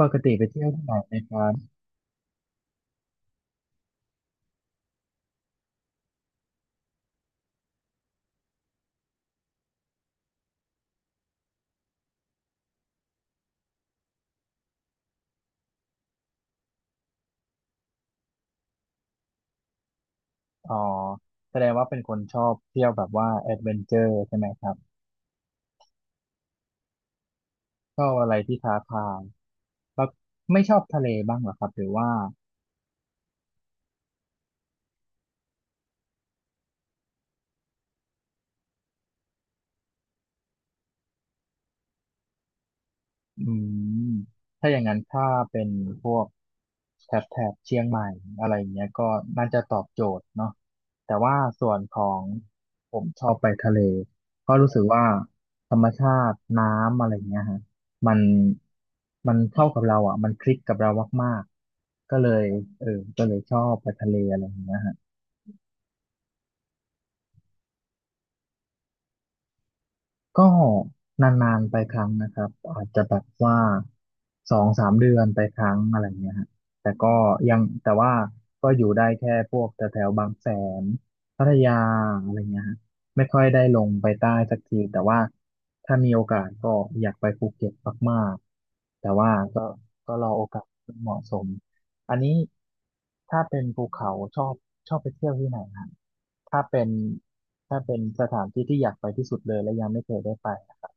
ปกติไปเที่ยวที่ไหนไหมครับอ๋อแสดงว่าเป็นคนชอบเที่ยวแบบว่าแอดเวนเจอร์ใช่ไหมครับ ชอบอะไรที่ท้าทายแล้วไม่ชอบทะเลบ้างเหรอครับหรือว่า อืมถ้าอย่างนั้นถ้าเป็นพวกแถบเชียงใหม่อะไรเงี้ยก็น่าจะตอบโจทย์เนาะแต่ว่าส่วนของผมชอบไปทะเลก็รู้สึกว่าธรรมชาติน้ำอะไรเงี้ยฮะมันมันเข้ากับเราอ่ะมันคลิกกับเรามากๆก็เลยเออก็เลยชอบไปทะเลอะไรเงี้ยฮะ ก็นานๆไปครั้งนะครับอาจจะแบบว่าสองสามเดือนไปครั้งอะไรเงี้ยฮะแต่ก็ยังแต่ว่าก็อยู่ได้แค่พวกแถวแถวบางแสนพัทยาอะไรเงี้ยฮะไม่ค่อยได้ลงไปใต้สักทีแต่ว่าถ้ามีโอกาสก็อยากไปภูเก็ตมากๆแต่ว่าก็ก็รอโอกาสที่เหมาะสม อันนี้ถ้าเป็นภูเขาชอบชอบไปเที่ยวที่ไหนครับถ้าเป็นถ้าเป็นสถานที่ที่อยากไปที่สุดเลยและยังไม่เคยได้ไปอะ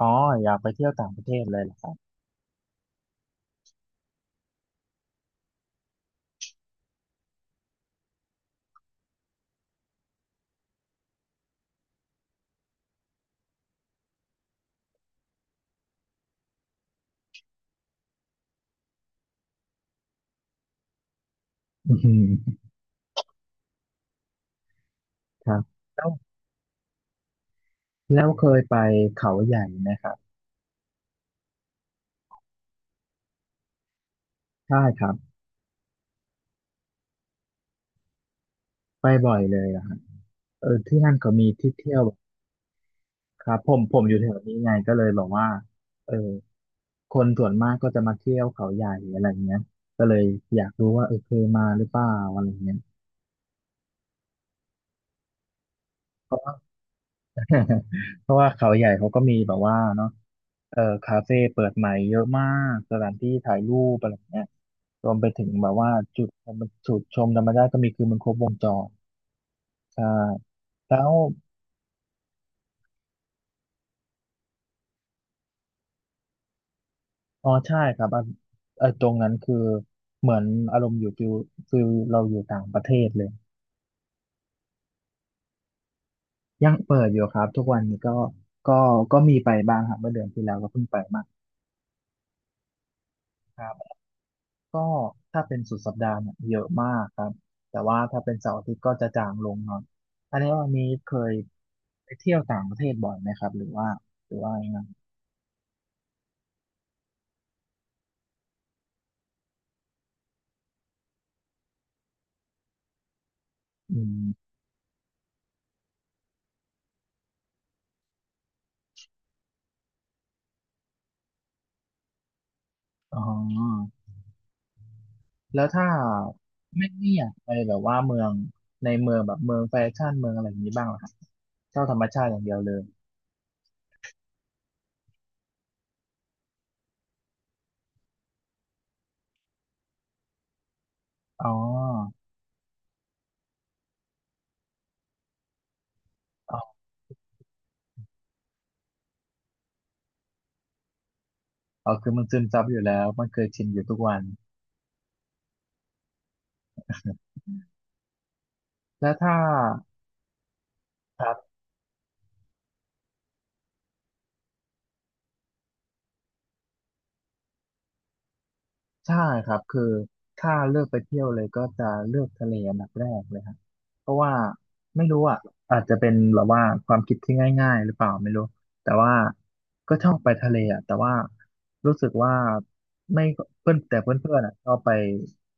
อ๋ออยากไปเที่ยวต่างประเทศเลยเหรอครับอืมครับแล้วแล้วเคยไปเขาใหญ่ไหมครับใช่ครับไปบ่อยเลยอะครับเออที่นั่นก็มีที่เที่ยวครับผมอยู่แถวนี้ไงก็เลยบอกว่าเออคนส่วนมากก็จะมาเที่ยวเขาใหญ่อะไรเงี้ยก็เลยอยากรู้ว่าเออเคยมาหรือเปล่าอะไรเงี้ย เพราะว่าเขาใหญ่เขาก็มีแบบว่าเนาะเออคาเฟ่เปิดใหม่เยอะมากสถานที่ถ่ายรูปอะไรอย่างเงี้ยรวมไปถึงแบบว่าจุดจุดชมธรรมชาติก็มีคือมันครบวงจรใช่แล้วอ๋อใช่ครับอ่ะเออตรงนั้นคือเหมือนอารมณ์อยู่ฟิลเราอยู่ต่างประเทศเลยยังเปิดอยู่ครับทุกวันนี้ก็ก็มีไปบ้างครับเมื่อเดือนที่แล้วก็เพิ่งไปมาครับ ก็ถ้าเป็นสุดสัปดาห์เนี่ยเยอะมากครับแต่ว่าถ้าเป็นเสาร์อาทิตย์ก็จะจางลงหน่อยอันนี้วันนี้เคยไปเที่ยวต่างประเทศบ่อยไหมครับหรือว่ายังไงอืมอ๋อแล้วถ้าไม่อยากไปแบบว่าเมืองในเมืองแบบเมืองแฟชั่นเมืองอะไรอย่างนี้บ้างเหรอครับเที่ยวธรรมชาติอย่างเดียวเลยอ๋ออ๋ออ๋อคือมันซึมซับอยู่แล้วมันเคยชินอยู่ทุกวันแล้วถ้าครับ ใช่ครับคือถ้าเลือกไปเที่ยวเลยก็จะเลือกทะเลอันดับแรกเลยครับเพราะว่าไม่รู้อ่ะอาจจะเป็นแบบว่าความคิดที่ง่ายๆหรือเปล่าไม่รู้แต่ว่าก็ชอบไปทะเลอ่ะแต่ว่ารู้สึกว่าไม่เพื่อนแต่เพื่อนๆอ่ะ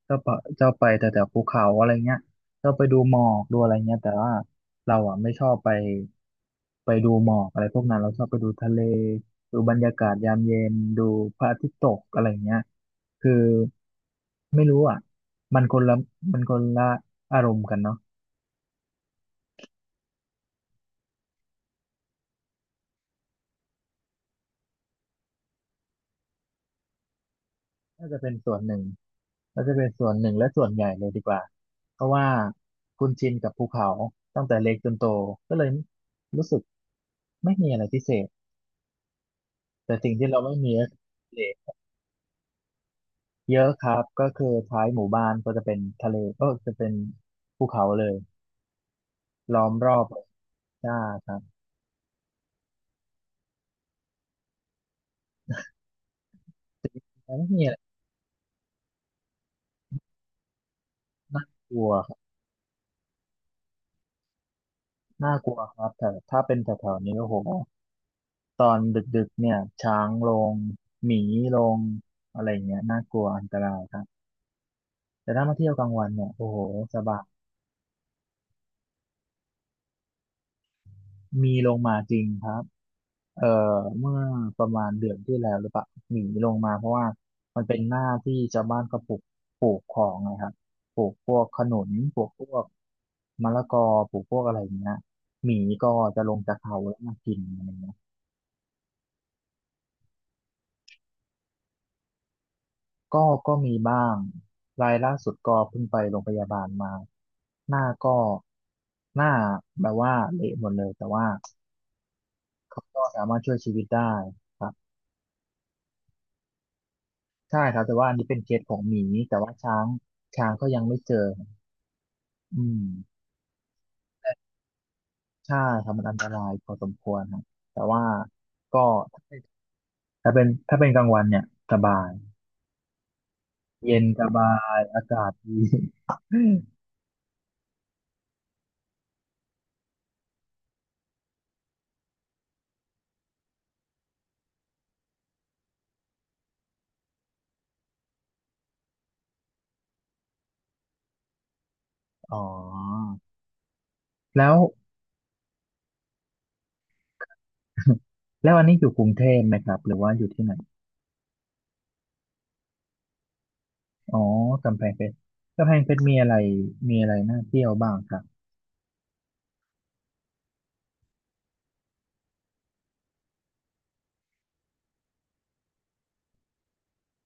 ชอบไปชอบไปแต่ภูเขาอะไรเงี้ยชอบไปดูหมอกดูอะไรเงี้ยแต่ว่าเราอ่ะไม่ชอบไปดูหมอกอะไรพวกนั้นเราชอบไปดูทะเลดูบรรยากาศยามเย็นดูพระอาทิตย์ตกอะไรเงี้ย คือไม่รู้อ่ะมันคนละมันคนละอารมณ์กันเนาะน่าจะเป็นส่วนหนึ่งน่าจะเป็นส่วนหนึ่งและส่วนใหญ่เลยดีกว่าเพราะว่าคุณชินกับภูเขาตั้งแต่เล็กจนโตก็เลยรู้สึกไม่มีอะไรพิเศษแต่สิ่งที่เราไม่มีก็คือทะเลเยอะครับก็คือท้ายหมู่บ้านก็จะเป็นทะเลก็จะเป็นภูเขาเลยล้อมรอบเลยใช่ครับแต่ไม่มีอะไรน่ากลัวครับน่ากลัวครับแต่ถ้าเป็นแถวๆนี้โอ้โห ตอนดึกๆเนี่ยช้างลงหมีลงอะไรอย่างเงี้ยน่ากลัวอันตรายครับแต่ถ้ามาเที่ยวกลางวันเนี่ยโอ้โหสบายมีลงมาจริงครับเอ่เมื่อประมาณเดือนที่แล้วหรือเปล่าหมีลงมาเพราะว่ามันเป็นหน้าที่ชาวบ้านก็ปลูกของนะครับปลูกพวกขนุนปลูกพวกมะละกอปลูกพวกอะไรอย่างเงี้ยหมีก็จะลงจากเขาแล้วมากินอะไรอย่างเงี้ย ก็มีบ้าง รายล่าสุดก็เพิ่งไปโรงพยาบาลมา หน้าก็หน้าแบบว่าเละหมดเลย แต่ว่าเขาก็สามารถช่วยชีวิตได้ครับใช่ครับแต่ว่าอันนี้เป็นเคสของหมี แต่ว่าช้างก็ยังไม่เจอ อืมใช่ครับมันอันตรายพอสมควรครับแต่ว่าก็ถ้าเป็นกลางวันเนี่ยสบาย เย็นสบาย อากาศดี อ๋อ แล้ว แล้วอันนี้อยู่กรุงเทพไหมครับหรือว่าอยู่ที่ไหนอ๋อกำแพงเพชรกำแพงเพชรมีอะไรน่าเที่ยวบ้างครับ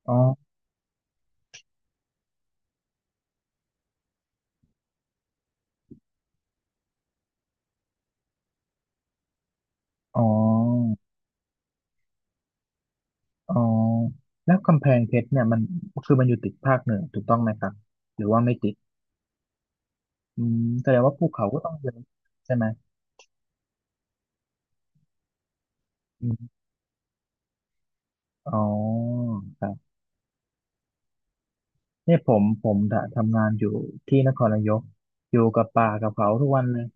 อ๋ออ๋ออ๋อแล้วกำแพงเพชรเนี่ยมันคือมันอยู่ติดภาคเหนือถูกต้องไหมครับหรือว่าไม่ติดอืมแสดงว่าภูเขาก็ต้องเยอะใช่ไหมอืมอ๋อครับเนี่ยผมทำงานอยู่ที่นครนายกอยู่กับป่ากับเขาทุกวันเลย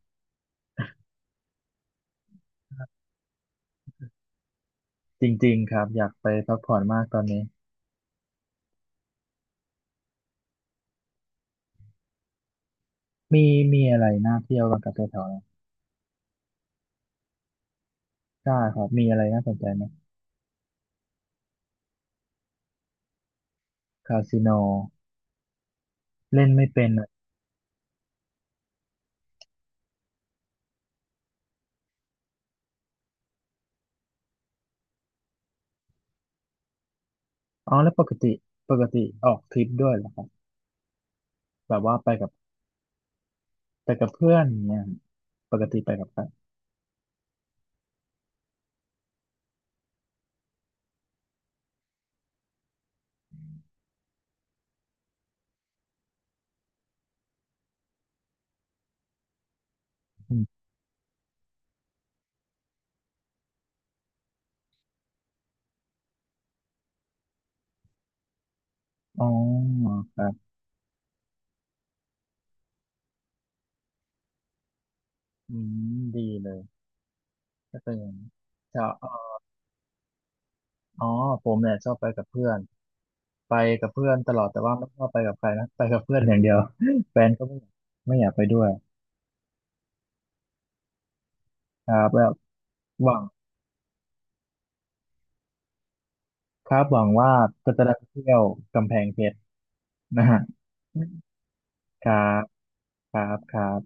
จริงๆครับอยากไปพักผ่อนมากตอนนี้มีมีอะไรน่าเที่ยวบ้างกับแถวๆนั้น ได้ครับมีอะไรน่าสนใจไหมคาสิโนเล่นไม่เป็นอะอ๋อแล้วปกติออกทริปด้วยเหรอครับแบบว่าไปกับเพื่อนอย่างเนี่ยปกติไปกับใครอืมอ๋อครับอืมดีเลยก็เป็นอย่างนี้จะอ๋อผมเนี่ยชอบไปกับเพื่อนไปกับเพื่อนตลอดแต่ว่าไม่ชอบไปกับใครนะไปกับเพื่อนอย่างเดียว แฟนก็ไม่อยากไปด้วยครับแล้วหวังครับหวังว่าก็จะได้ไปเที่ยวกำแพงเพชรนะฮะครับครับ